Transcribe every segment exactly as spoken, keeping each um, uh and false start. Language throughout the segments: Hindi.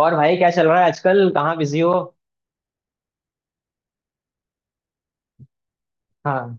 और भाई, क्या चल रहा है आजकल? कहाँ बिजी हो? हाँ।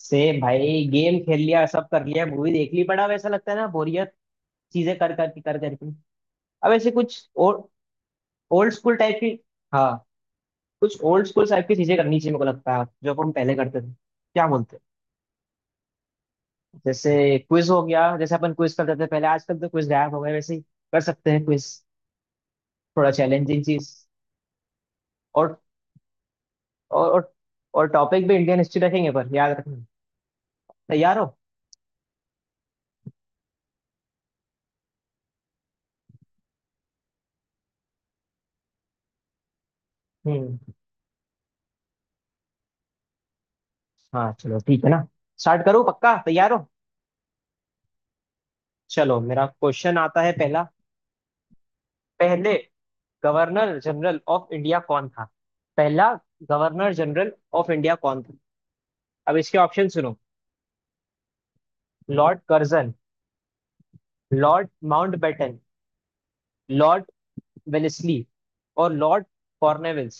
सेम भाई, गेम खेल लिया, सब कर लिया, मूवी देख ली। बड़ा वैसा लगता है ना, बोरियत। चीजें कर कर कर करके। अब ऐसे कुछ ओल्ड स्कूल टाइप की। हाँ। कुछ ओल्ड स्कूल टाइप की चीजें करनी चाहिए मेरे को लगता है, जो अपन पहले करते थे, क्या बोलते हैं? जैसे क्विज हो गया, जैसे अपन क्विज करते थे पहले, आजकल तो क्विज गायब हो गए। वैसे ही कर सकते हैं क्विज। थोड़ा चैलेंजिंग चीज। और और और, और टॉपिक भी इंडियन हिस्ट्री रखेंगे पर याद रखना। तैयार हो? हम्म। हाँ चलो, ठीक है ना। स्टार्ट करो, पक्का तैयार हो? चलो, मेरा क्वेश्चन आता है। पहला। पहले गवर्नर जनरल ऑफ इंडिया कौन था? पहला गवर्नर जनरल ऑफ इंडिया कौन था? अब इसके ऑप्शन सुनो। Lord Curzon, Lord Mountbatten, Lord Wellesley, और Lord Cornwallis.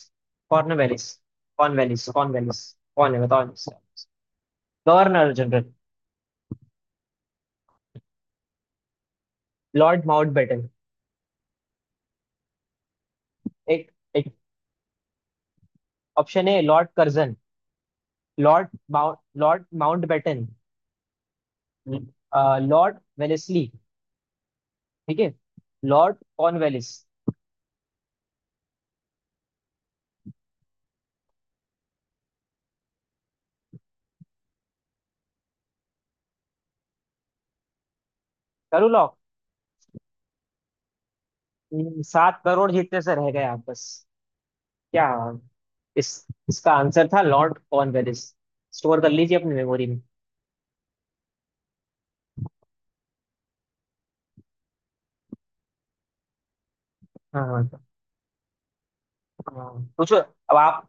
Cornwallis, Cornwallis, Cornwallis कौन है बताओ इसका? Governor General Lord Mountbatten. एक एक ऑप्शन है Lord Curzon. Lord Mount Lord Mountbatten. Lord Wellesley, ठीक है। Lord Cornwallis. करूँ लॉक? हम्म, सात करोड़ जीतने से रह गए आप बस। क्या? इस इसका आंसर था लॉर्ड कॉर्नवेलिस। स्टोर कर लीजिए अपनी मेमोरी में। हाँ हाँ। हाँ। पूछो अब आप।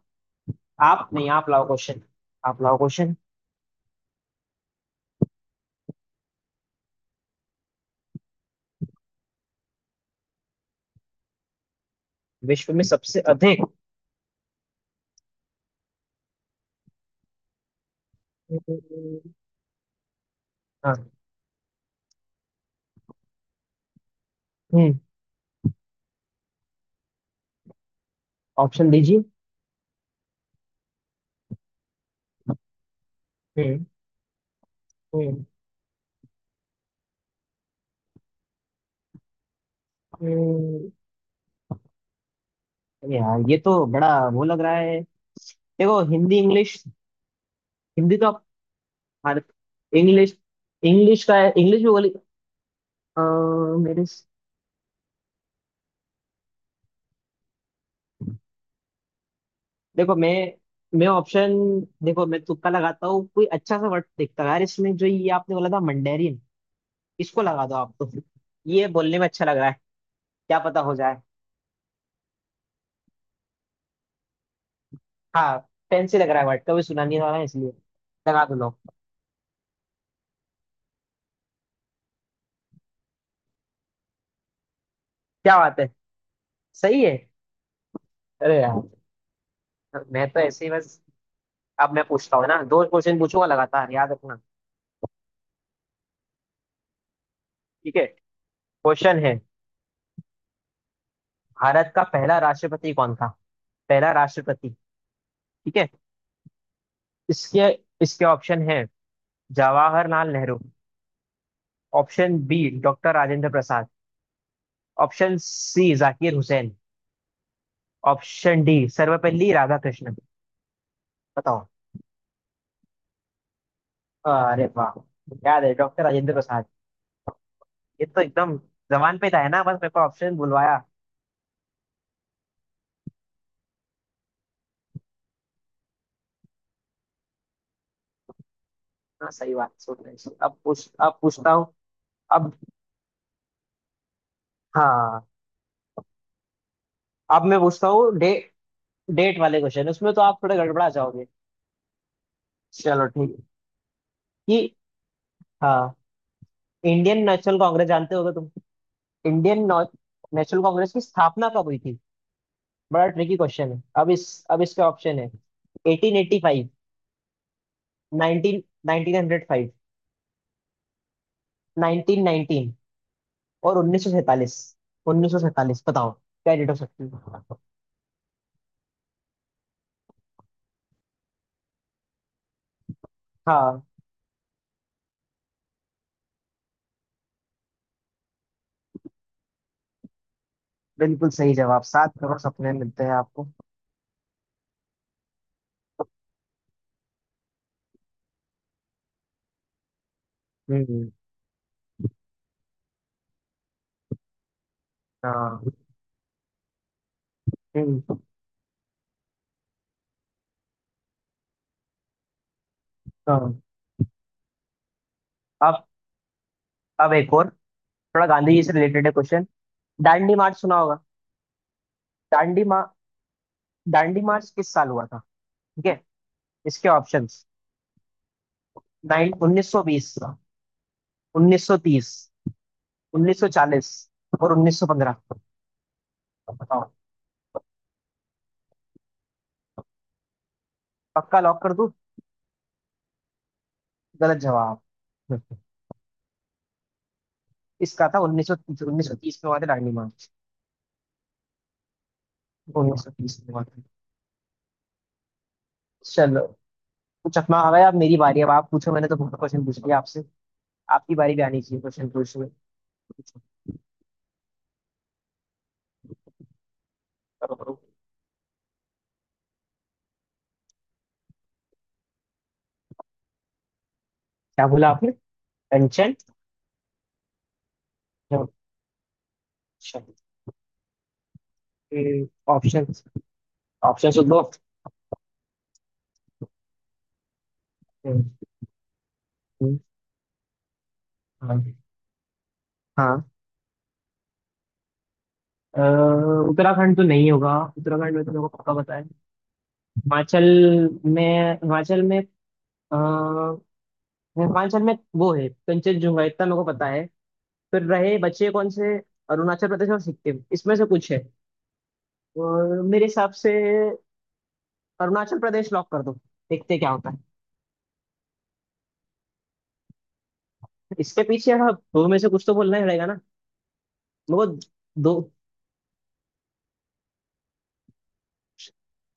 आप नहीं, आप लाओ क्वेश्चन। आप लाओ क्वेश्चन। विश्व में सबसे अधिक। हाँ। हम्म। ऑप्शन दीजिए। हम्म। हम्म। हम्म। यार ये तो बड़ा वो लग रहा है। देखो हिंदी, इंग्लिश। हिंदी तो हर। इंग्लिश। इंग्लिश का है, इंग्लिश भी बोली। अ, मेरे। देखो मैं मैं ऑप्शन। देखो मैं तुक्का लगाता हूँ, कोई अच्छा सा वर्ड देखता हूँ यार, इसमें जो ये आपने बोला था मंडेरियन, इसको लगा दो आप तो। ये बोलने में अच्छा लग रहा है, क्या पता हो जाए। हाँ, फैंसी लग रहा है वर्ड, कभी सुना नहीं रहा है इसलिए, लगा दो लोग। क्या बात है। सही है। अरे यार, मैं तो ऐसे ही बस। अब मैं पूछता हूँ ना, दो क्वेश्चन पूछूंगा, लगातार याद रखना। ठीक है। क्वेश्चन है। भारत का पहला राष्ट्रपति कौन था? पहला राष्ट्रपति, ठीक है। इसके इसके ऑप्शन है। Jawaharlal Nehru. Option B, doctor Rajendra Prasad. Option C, Zakir Husain. Option D, Sarvepalli Radhakrishnan. बताओ। अरे वाह, याद है। डॉक्टर राजेंद्र प्रसाद। ये तो एकदम जबान पे था है ना, बस मेरे को ऑप्शन बुलवाया। हाँ, सही बात सोच रहे हैं। अब पूछ अब पूछता हूँ। अब। हाँ। अब मैं पूछता हूँ डे डेट वाले क्वेश्चन, उसमें तो आप थोड़े गड़बड़ा जाओगे। चलो ठीक है। कि। हाँ। इंडियन नेशनल कांग्रेस जानते होगे तुम। इंडियन नौ- नेशनल कांग्रेस की स्थापना कब हुई थी? बड़ा ट्रिकी क्वेश्चन है। अब इस अब इसके ऑप्शन है। अठारह सौ पचासी, 19 उन्नीस सौ पाँच, उन्नीस सौ उन्नीस, और उन्नीस सौ सैंतालीस। उन्नीस सौ सैंतालीस बताओ, क्या डेट हो सकती है? हाँ, बिल्कुल सही जवाब। सात करोड़ सपने मिलते हैं आपको। हम्म। हाँ। हम्म। हाँ। अब अब एक और, थोड़ा गांधी जी से रिलेटेड है क्वेश्चन। दांडी मार्च सुना होगा। दांडी मा दांडी मार्च किस साल हुआ था? ठीक है, इसके ऑप्शंस। नाइन उन्नीस सौ बीस, उन्नीस सौ तीस, उन्नीस सौ चालीस, और उन्नीस सौ पंद्रह। बताओ। पक्का लॉक कर दूं? गलत जवाब। इसका था उन्नीस सौ तीस। उन्नीस सौ तीस में हुआ था दांडी मार्च। उन्नीस सौ तीस में हुआ था। चलो। तो चकमा आ गया। अब मेरी बारी। अब आप पूछो, मैंने तो बहुत क्वेश्चन पूछ लिया आपसे। आपकी बारी भी आनी चाहिए क्वेश्चन पूछने। पूछो, करो करो। क्या बोला आपने? कंचन। ऑप्शन। ऑप्शन तो दो। हम्म। हाँ। हाँ। अ, उत्तराखंड तो नहीं होगा, उत्तराखंड में तो मेरे को पक्का पता है। हिमाचल में। हिमाचल में आ, हिमाचल में वो है कंचनजंगा, इतना मेरे को पता है। फिर रहे बचे कौन से? अरुणाचल प्रदेश और सिक्किम, इसमें से कुछ है। और मेरे हिसाब से अरुणाचल प्रदेश लॉक कर दो। देखते क्या होता है। इसके पीछे? अब दो में से कुछ तो बोलना ही रहेगा ना। मेरे को। दो।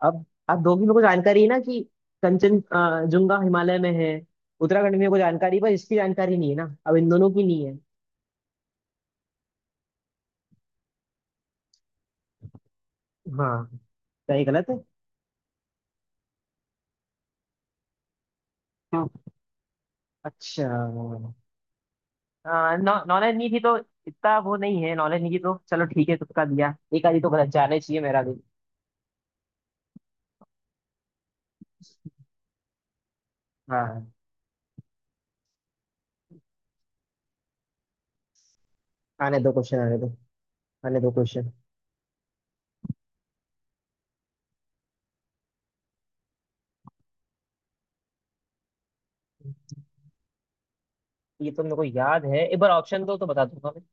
अब अब दो की मेरे को जानकारी है ना, कि कंचन अ, जुंगा हिमालय में है, उत्तराखंड में मेरे को जानकारी है, पर इसकी जानकारी नहीं है ना, अब इन दोनों की नहीं है। हाँ। सही गलत है? हाँ। अच्छा, नॉलेज नहीं थी तो। इतना वो नहीं है, नॉलेज नहीं थी तो चलो ठीक है, तुक्का दिया, एक आधी तो गलत जाना ही चाहिए मेरा भी। हाँ हाँ। आने दो क्वेश्चन, आने दो। आने दो क्वेश्चन। ये तो मेरे को याद है, एक बार ऑप्शन दो तो बता दूंगा मैं।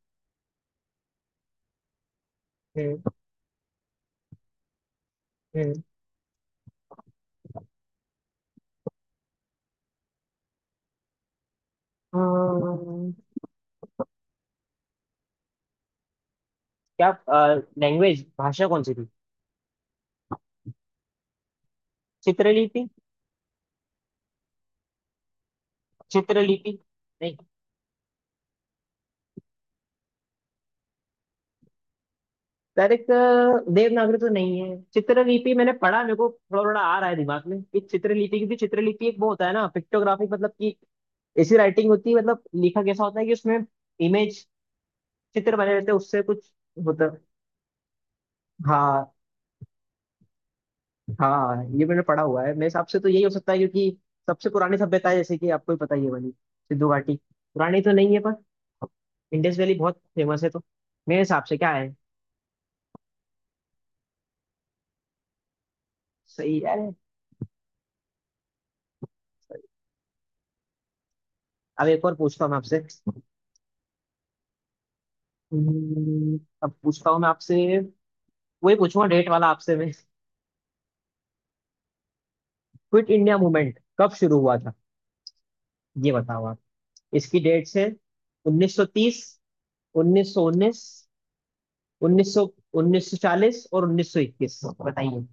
हम्म। हम्म। अम्म, क्या लैंग्वेज, भाषा कौन सी थी? चित्रलिपि। चित्रलिपि नहीं, डायरेक्ट। देवनागरी तो नहीं है। चित्रलिपि मैंने पढ़ा, मेरे को थोड़ा थोड़ा आ रहा है दिमाग में कि चित्रलिपि, क्योंकि चित्रलिपि एक वो होता है ना पिक्टोग्राफिक, मतलब कि ऐसी राइटिंग होती है, मतलब लिखा कैसा होता है कि उसमें इमेज, चित्र बने रहते हैं, उससे कुछ होता। हाँ हाँ, ये मैंने पढ़ा हुआ है, मेरे हिसाब से तो यही हो सकता है, क्योंकि सबसे पुरानी सभ्यता है, जैसे कि आपको ही पता ही है वाली सिंधु घाटी। पुरानी तो नहीं है पर इंडस वैली बहुत फेमस है तो, मेरे हिसाब से क्या है। सही है। अब एक और पूछता हूँ मैं आपसे। हम्म, अब पूछता हूँ मैं आपसे, वही पूछूंगा डेट वाला आपसे मैं। क्विट इंडिया मूवमेंट कब शुरू हुआ था? ये बताओ आप। इसकी डेट्स है उन्नीस सौ तीस, उन्नीस सौ उन्नीस, उन्नीस सौ उन्नीस सौ चालीस, और उन्नीस सौ इक्कीस, बताइए।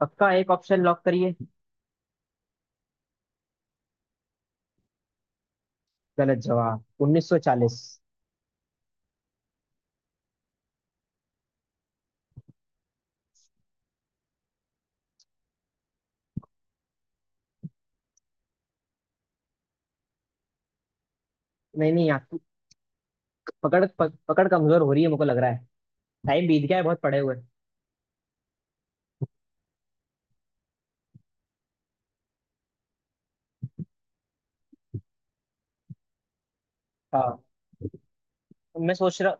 पक्का एक ऑप्शन लॉक करिए। गलत जवाब, उन्नीस सौ चालीस। नहीं नहीं, आपकी पकड़ पक, पकड़ कमजोर हो रही है, मुझको लग रहा है। टाइम बीत गया है बहुत, पड़े हुए। हाँ। तो मैं सोच रहा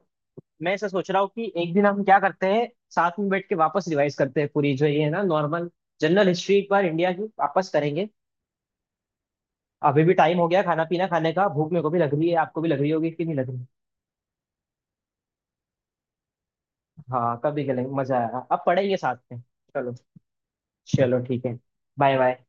मैं ऐसा सोच रहा हूँ कि एक दिन हम क्या करते हैं, साथ में बैठ के वापस रिवाइज करते हैं, पूरी जो ये है ना नॉर्मल जनरल हिस्ट्री एक बार इंडिया की वापस करेंगे। अभी भी टाइम हो गया, खाना पीना खाने का, भूख मेरे को भी लग रही है, आपको भी लग रही होगी कि नहीं लग रही। हाँ, कभी चलेंगे, मजा आएगा, अब पढ़ेंगे साथ में। चलो। चलो ठीक है। Bye bye.